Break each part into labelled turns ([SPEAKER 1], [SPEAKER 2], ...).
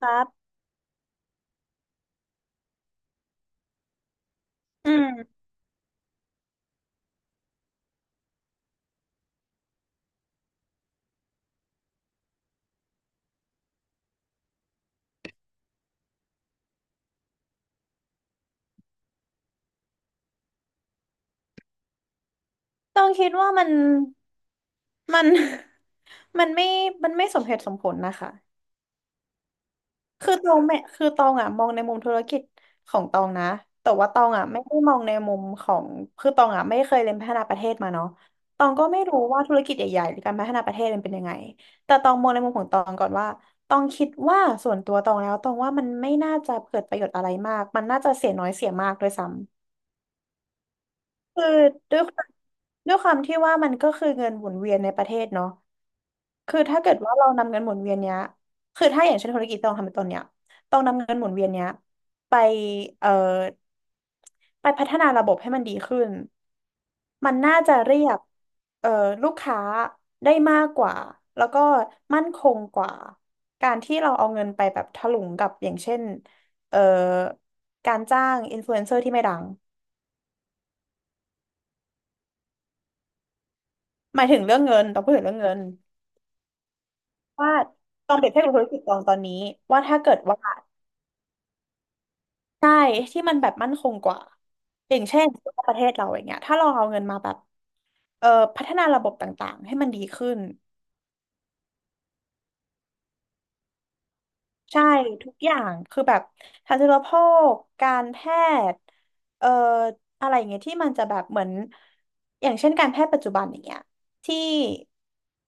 [SPEAKER 1] ครับอืมต้องคิดว่ามัน มันไม่มันไม่สมเหตุสมผลนะคะ คือตองไม่คือตองอ่ะมองในมุมธุรกิจของตองนะ แต่ว่าตองอ่ะไม่ได้มองในมุมของคือตองอ่ะไม่เคยเรียนพัฒนาประเทศมาเนาะตองก็ไม่รู้ว่าธุรกิจใหญ่ๆหรือการพัฒนาประเทศมันเป็นยังไง แต่ตองมองในมุมของตองก่อนว่าตองคิดว่าส่วนตัวตองแล้วตองว่ามันไม่น่าจะเกิดประโยชน์อะไรมากมันน่าจะเสียน้อยเสียมากด้วยซ้ำ คือด้วยความด้วยความที่ว่ามันก็คือเงินหมุนเวียนในประเทศเนาะคือถ้าเกิดว่าเรานำเงินหมุนเวียนเนี้ยคือถ้าอย่างเช่นธุรกิจต้องทำเป็นต้นเนี้ยต้องนำเงินหมุนเวียนเนี้ยไปเอ่อไปพัฒนาระบบให้มันดีขึ้น มันน่าจะเรียกเอ่อลูกค้าได้มากกว่าแล้วก็มั่นคงกว่าการที่เราเอาเงินไปแบบถลุงกับอย่างเช่นเอ่อการจ้างอินฟลูเอนเซอร์ที่ไม่ดังหมายถึงเรื่องเงินต้องพูดถึงเรื่องเงิน ว่าลองเปรียบเทียบกับธุรกิจกองตอนนี้ว่าถ้าเกิดว่าใช่ที่มันแบบมั่นคงกว่าอย่างเช่นสมมุติว่าประเทศเราอย่างเงี้ยถ้าเราเอาเงินมาแบบเอ่อพัฒนาระบบต่างๆให้มันดีขึ้น ใช่ทุกอย่างคือแบบทันตแพทย์การแพทย์เอ่ออะไรอย่างเงี้ยที่มันจะแบบเหมือนอย่างเช่นการแพทย์ปัจจุบันอย่างเงี้ยที่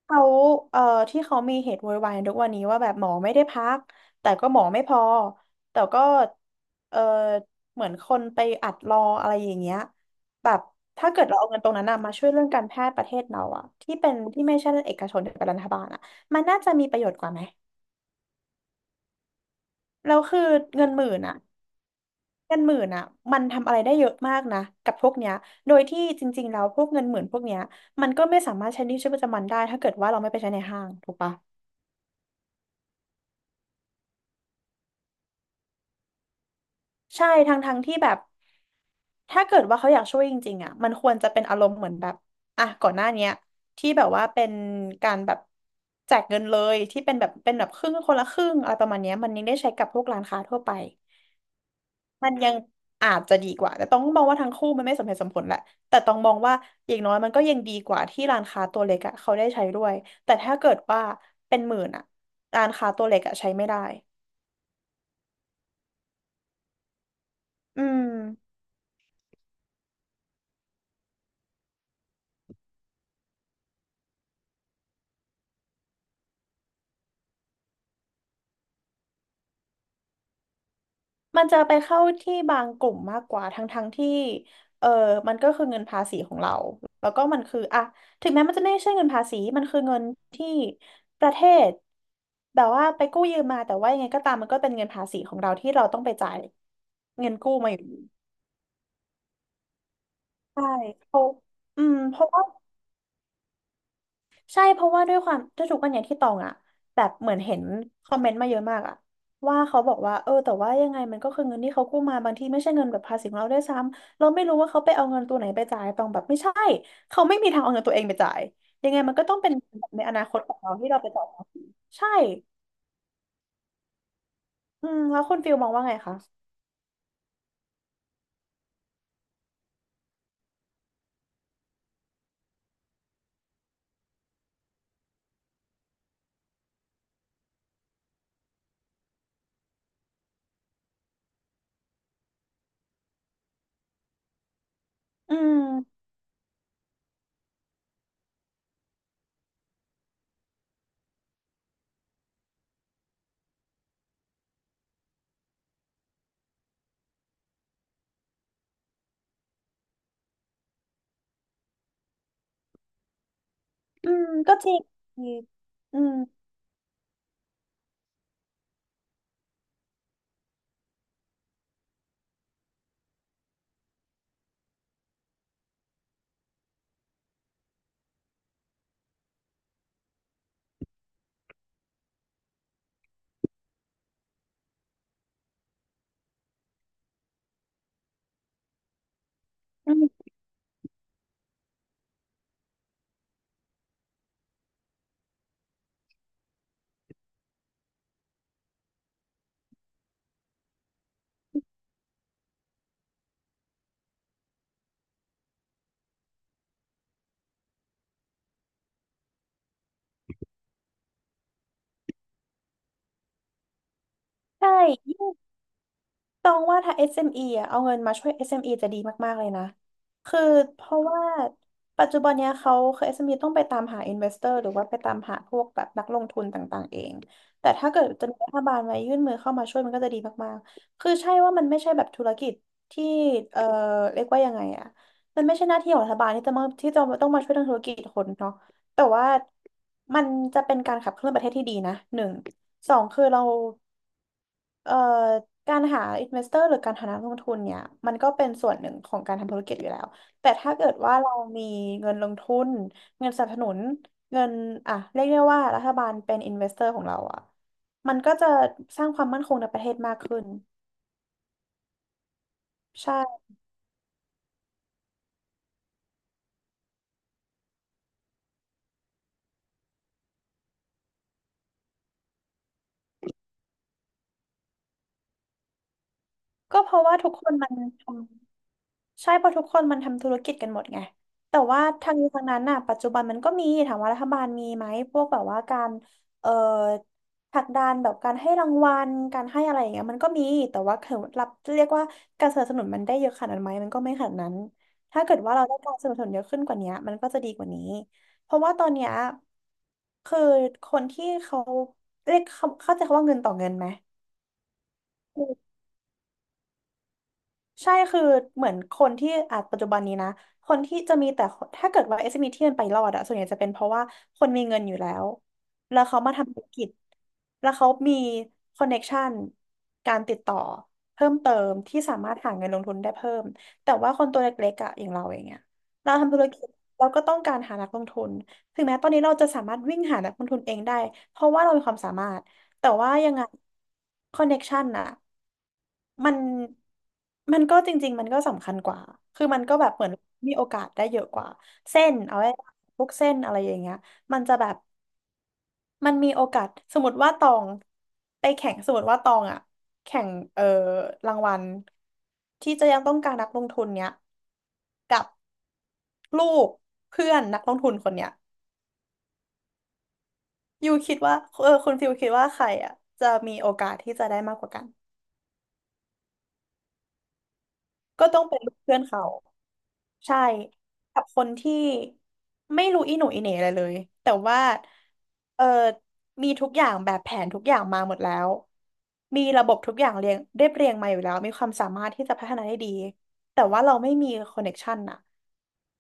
[SPEAKER 1] เขาเอ่อที่เขามีเหตุโวยวายทุกวันนี้ว่าแบบหมอไม่ได้พักแต่ก็หมอไม่พอแต่ก็เอ่อเหมือนคนไปอัดรออะไรอย่างเงี้ยแบบถ้าเกิดเราเอาเงินตรงนั้นนะมาช่วยเรื่องการแพทย์ประเทศเราอะที่เป็นที่ไม่ใช่เอกชนแต่เป็นรัฐบาลอะมันน่าจะมีประโยชน์กว่าไหม แล้วคือเงินหมื่นอ่ะเงินหมื่นอ่ะมันทำอะไรได้เยอะมากนะกับพวกเนี้ยโดยที่จริงๆแล้วพวกเงินหมื่นพวกเนี้ยมันก็ไม่สามารถใช้ในชีวิตประจำวันได้ถ้าเกิดว่าเราไม่ไปใช้ในห้างถูกปะใช่ทั้งที่แบบถ้าเกิดว่าเขาอยากช่วยจริงๆอ่ะมันควรจะเป็นอารมณ์เหมือนแบบอ่ะก่อนหน้าเนี้ยที่แบบว่าเป็นการแบบแจกเงินเลยที่เป็นแบบครึ่งคนละครึ่งอะไรประมาณเนี้ยมันยังได้ใช้กับพวกร้านค้าทั่วไป มันยังอาจจะดีกว่าแต่ต้องมองว่าทั้งคู่มันไม่สมเหตุสมผลแหละแต่ต้องมองว่าอย่างน้อยมันก็ยังดีกว่าที่ร้านค้าตัวเล็กอะเขาได้ใช้ด้วยแต่ถ้าเกิดว่าเป็นหมื่นอะร้านค้าตัวเล็กอะใช้ไม่ได้อืมมันจะไปเข้าที่บางกลุ่มมากกว่าทั้งที่เออมันก็คือเงินภาษีของเราแล้วก็มันคืออะถึงแม้มันจะไม่ใช่เงินภาษีมันคือเงินที่ประเทศแบบว่าไปกู้ยืมมาแต่ว่ายังไงก็ตามมันก็เป็นเงินภาษีของเราที่เราต้องไปจ่ายเงินกู้มาอยู่ ใช่เพราะอืมเพราะว่าใช่เพราะว่าด้วยความด้วถูกกันอย่างที่ตองอะแบบเหมือนเห็นคอมเมนต์มาเยอะมากอะว่าเขาบอกว่าเออแต่ว่ายังไงมันก็คือเงินที่เขากู้มาบางทีไม่ใช่เงินแบบภาษีของเราด้วยซ้ำเราไม่รู้ว่าเขาไปเอาเงินตัวไหนไปจ่ายตองแบบไม่ใช่เขาไม่มีทางเอาเงินตัวเองไปจ่ายยังไงมันก็ต้องเป็นแบบในอนาคตของเราที่เราไปจ่ายภาษีใช่อืมแล้วคุณฟิลมองว่าไงคะอืมอืมก็จริงอืมอืมใช่ ต้องว่าถ้า SME อสเอ็มอีอ่ะเอาเงินมาช่วย SME จะดีมากๆเลยนะคือเพราะว่าปัจจุบันเนี้ยเขาคือ SME ต้องไปตามหา investor หรือว่าไปตามหาพวกแบบนักลงทุนต่างๆเองแต่ถ้าเกิดจะมีรัฐบาลมายื่นมือเข้ามาช่วยมันก็จะดีมากๆคือใช่ว่ามันไม่ใช่แบบธุรกิจที่เอ่อเรียกว่ายังไงอ่ะมันไม่ใช่หน้าที่ของรัฐบาลที่จะมาที่จะต้องมาช่วยทางธุรกิจคนเนาะแต่ว่ามันจะเป็นการขับเคลื่อนประเทศที่ดีนะหนึ่งสองคือเรา เอ่อการหาอินเวสเตอร์หรือการหานักลงทุนเนี่ยมันก็เป็นส่วนหนึ่งของการทำธุรกิจอยู่แล้วแต่ถ้าเกิดว่าเรามีเงินลงทุนเงินสนับสนุนเงินอ่ะเรียกได้ว่ารัฐบาลเป็นอินเวสเตอร์ของเราอ่ะมันก็จะสร้างความมั่นคงในประเทศมากขึ้นใช่ก็เพราะว่าทุกคนมันทำ ใช่เพราะทุกคนมันทำธุรกิจกันหมดไงแต่ว่าทางนี้ทางนั้นน่ะปัจจุบันมันก็มีถามว่ารัฐบาลมีไหมพวกแบบว่าการเอ่อผลักดันแบบการให้รางวัลการให้อะไรอย่างเงี้ยมันก็มีแต่ว่าคือรับเรียกว่าการสนับสนุนมันได้เยอะขนาดนั้นไหมมันก็ไม่ขนาดนั้นถ้าเกิดว่าเราได้การสนับสนุนเยอะขึ้นกว่านี้มันก็จะดีกว่านี้เพราะว่าตอนเนี้ยคือคนที่เขาเรียกเขาเข้าใจคำว่าเงินต่อเงินไหม ใช่คือเหมือนคนที่อาจปัจจุบันนี้นะคนที่จะมีแต่ถ้าเกิดว่า SME ที่มันไปรอดอะส่วนใหญ่จะเป็นเพราะว่าคนมีเงินอยู่แล้วแล้วเขามาทำธุรกิจแล้วเขามีคอนเน็กชันการติดต่อเพิ่มเติมที่สามารถหาเงินลงทุนได้เพิ่มแต่ว่าคนตัวเล็กๆอะอย่างเราอย่างเงี้ยเราทำธุรกิจเราก็ต้องการหานักลงทุนถึงแม้ตอนนี้เราจะสามารถวิ่งหานักลงทุนเองได้เพราะว่าเรามีความสามารถแต่ว่ายังไงคอนเน็กชันอะ มันมันก็จริงๆมันก็สำคัญกว่าคือมันก็แบบเหมือนมีโอกาสได้เยอะกว่าเส้นเอาไว้พวกเส้นอะไรอย่างเงี้ยมันจะแบบมันมีโอกาสสมมติว่าตองไปแข่งสมมติว่าตองอะแข่งรางวัลที่จะยังต้องการนักลงทุนเนี้ยลูกเพื่อนนักลงทุนคนเนี้ยยูคิดว่าเออคุณฟิลคิดว่าใครอะจะมีโอกาสที่จะได้มากกว่ากัน ก็ต้องเป็นลูกเพื่อนเขาใช่กับคนที่ไม่รู้อีหนูอีเหน่อะไรเลยแต่ว่าเออมีทุกอย่างแบบแผนทุกอย่างมาหมดแล้วมีระบบทุกอย่างเรียงเรียบเรียงมาอยู่แล้วมีความสามารถที่จะพัฒนาได้ดีแต่ว่าเราไม่มีคอนเน็กชันอะ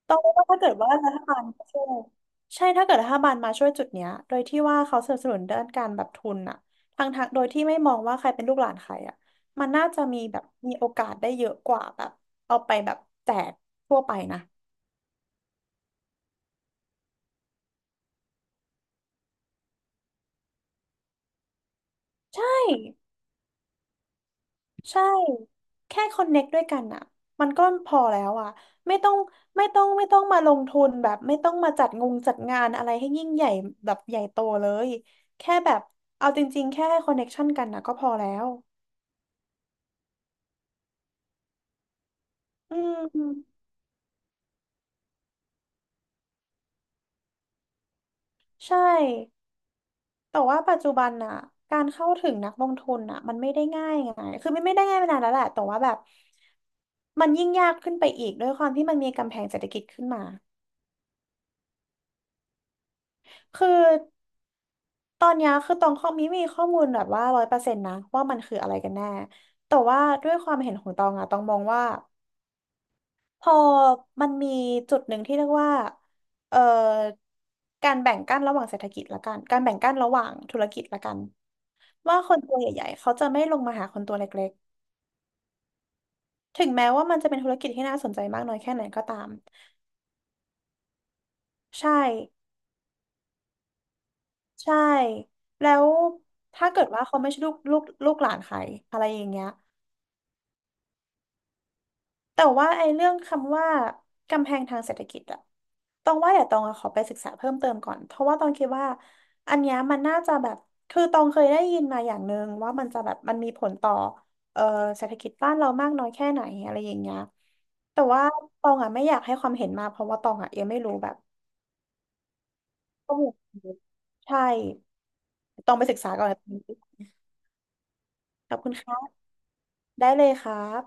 [SPEAKER 1] ต้องว่าถ้าเกิดว่ารัฐบาลมาช่วยใช่ถ้าเกิดรัฐบาลมาช่วยจุดเนี้ยโดยที่ว่าเขาสนับสนุนด้านการแบบทุนอะทางโดยที่ไม่มองว่าใครเป็นลูกหลานใครอะมันน่าจะมีแบบมีโอกาสได้เยอะกว่าแบบเอาไปแบบแจกทั่วไปนะใช่ใช่แค่คอนเน็กด้วยกันอ่ะมันก็พอแล้วอ่ะไม่ต้องไม่ต้องมาลงทุนแบบไม่ต้องมาจัดงงจัดงานอะไรให้ยิ่งใหญ่แบบใหญ่โตเลยแค่แบบเอาจริงๆแค่ให้คอนเน็กชันกันนะก็พอแล้ว อืมใช่แต่ว่าปัจจุบันน่ะการเข้าถึงนักลงทุนน่ะมันไม่ได้ง่ายไงคือไม่ได้ง่ายมานานแล้วแหละแต่ว่าแบบมันยิ่งยากขึ้นไปอีกด้วยความที่มันมีกำแพงเศรษฐกิจขึ้นมาคือตอนเนี้ยคือตองข้อมีข้อมูลแบบว่าร้อยเปอร์เซ็นต์นะว่ามันคืออะไรกันแน่แต่ว่าด้วยความเห็นของตองอะตองมองว่า พอมันมีจุดหนึ่งที่เรียกว่าเอ่อการแบ่งกั้นระหว่างเศรษฐกิจละกันการแบ่งกั้นระหว่างธุรกิจละกัน ว่าคนตัวใหญ่ๆเขาจะไม่ลงมาหาคนตัวเล็กๆ ถึงแม้ว่ามันจะเป็นธุรกิจที่น่าสนใจมากน้อยแค่ไหนก็ตาม ใช่ใช่แล้วถ้าเกิดว่าเขาไม่ใช่ลูกหลานใครอะไรอย่างเงี้ย แต่ว่าไอ้เรื่องคำว่ากำแพงทางเศรษฐกิจอะตองว่าเดี๋ยวตองอะขอไปศึกษาเพิ่มเติมก่อนเพราะว่าตองคิดว่าอันเนี้ยมันน่าจะแบบคือตองเคยได้ยินมาอย่างหนึ่งว่ามันจะแบบมันมีผลต่อเอ่อเศรษฐกิจบ้านเรามากน้อยแค่ไหนอะไรอย่างเงี้ยแต่ว่าตองอะไม่อยากให้ความเห็นมาเพราะว่าตองอะยังไม่รู้แบบข้อมูลใช่ตองไปศึกษาก่อนขอบคุณค่ะได้เลยครับ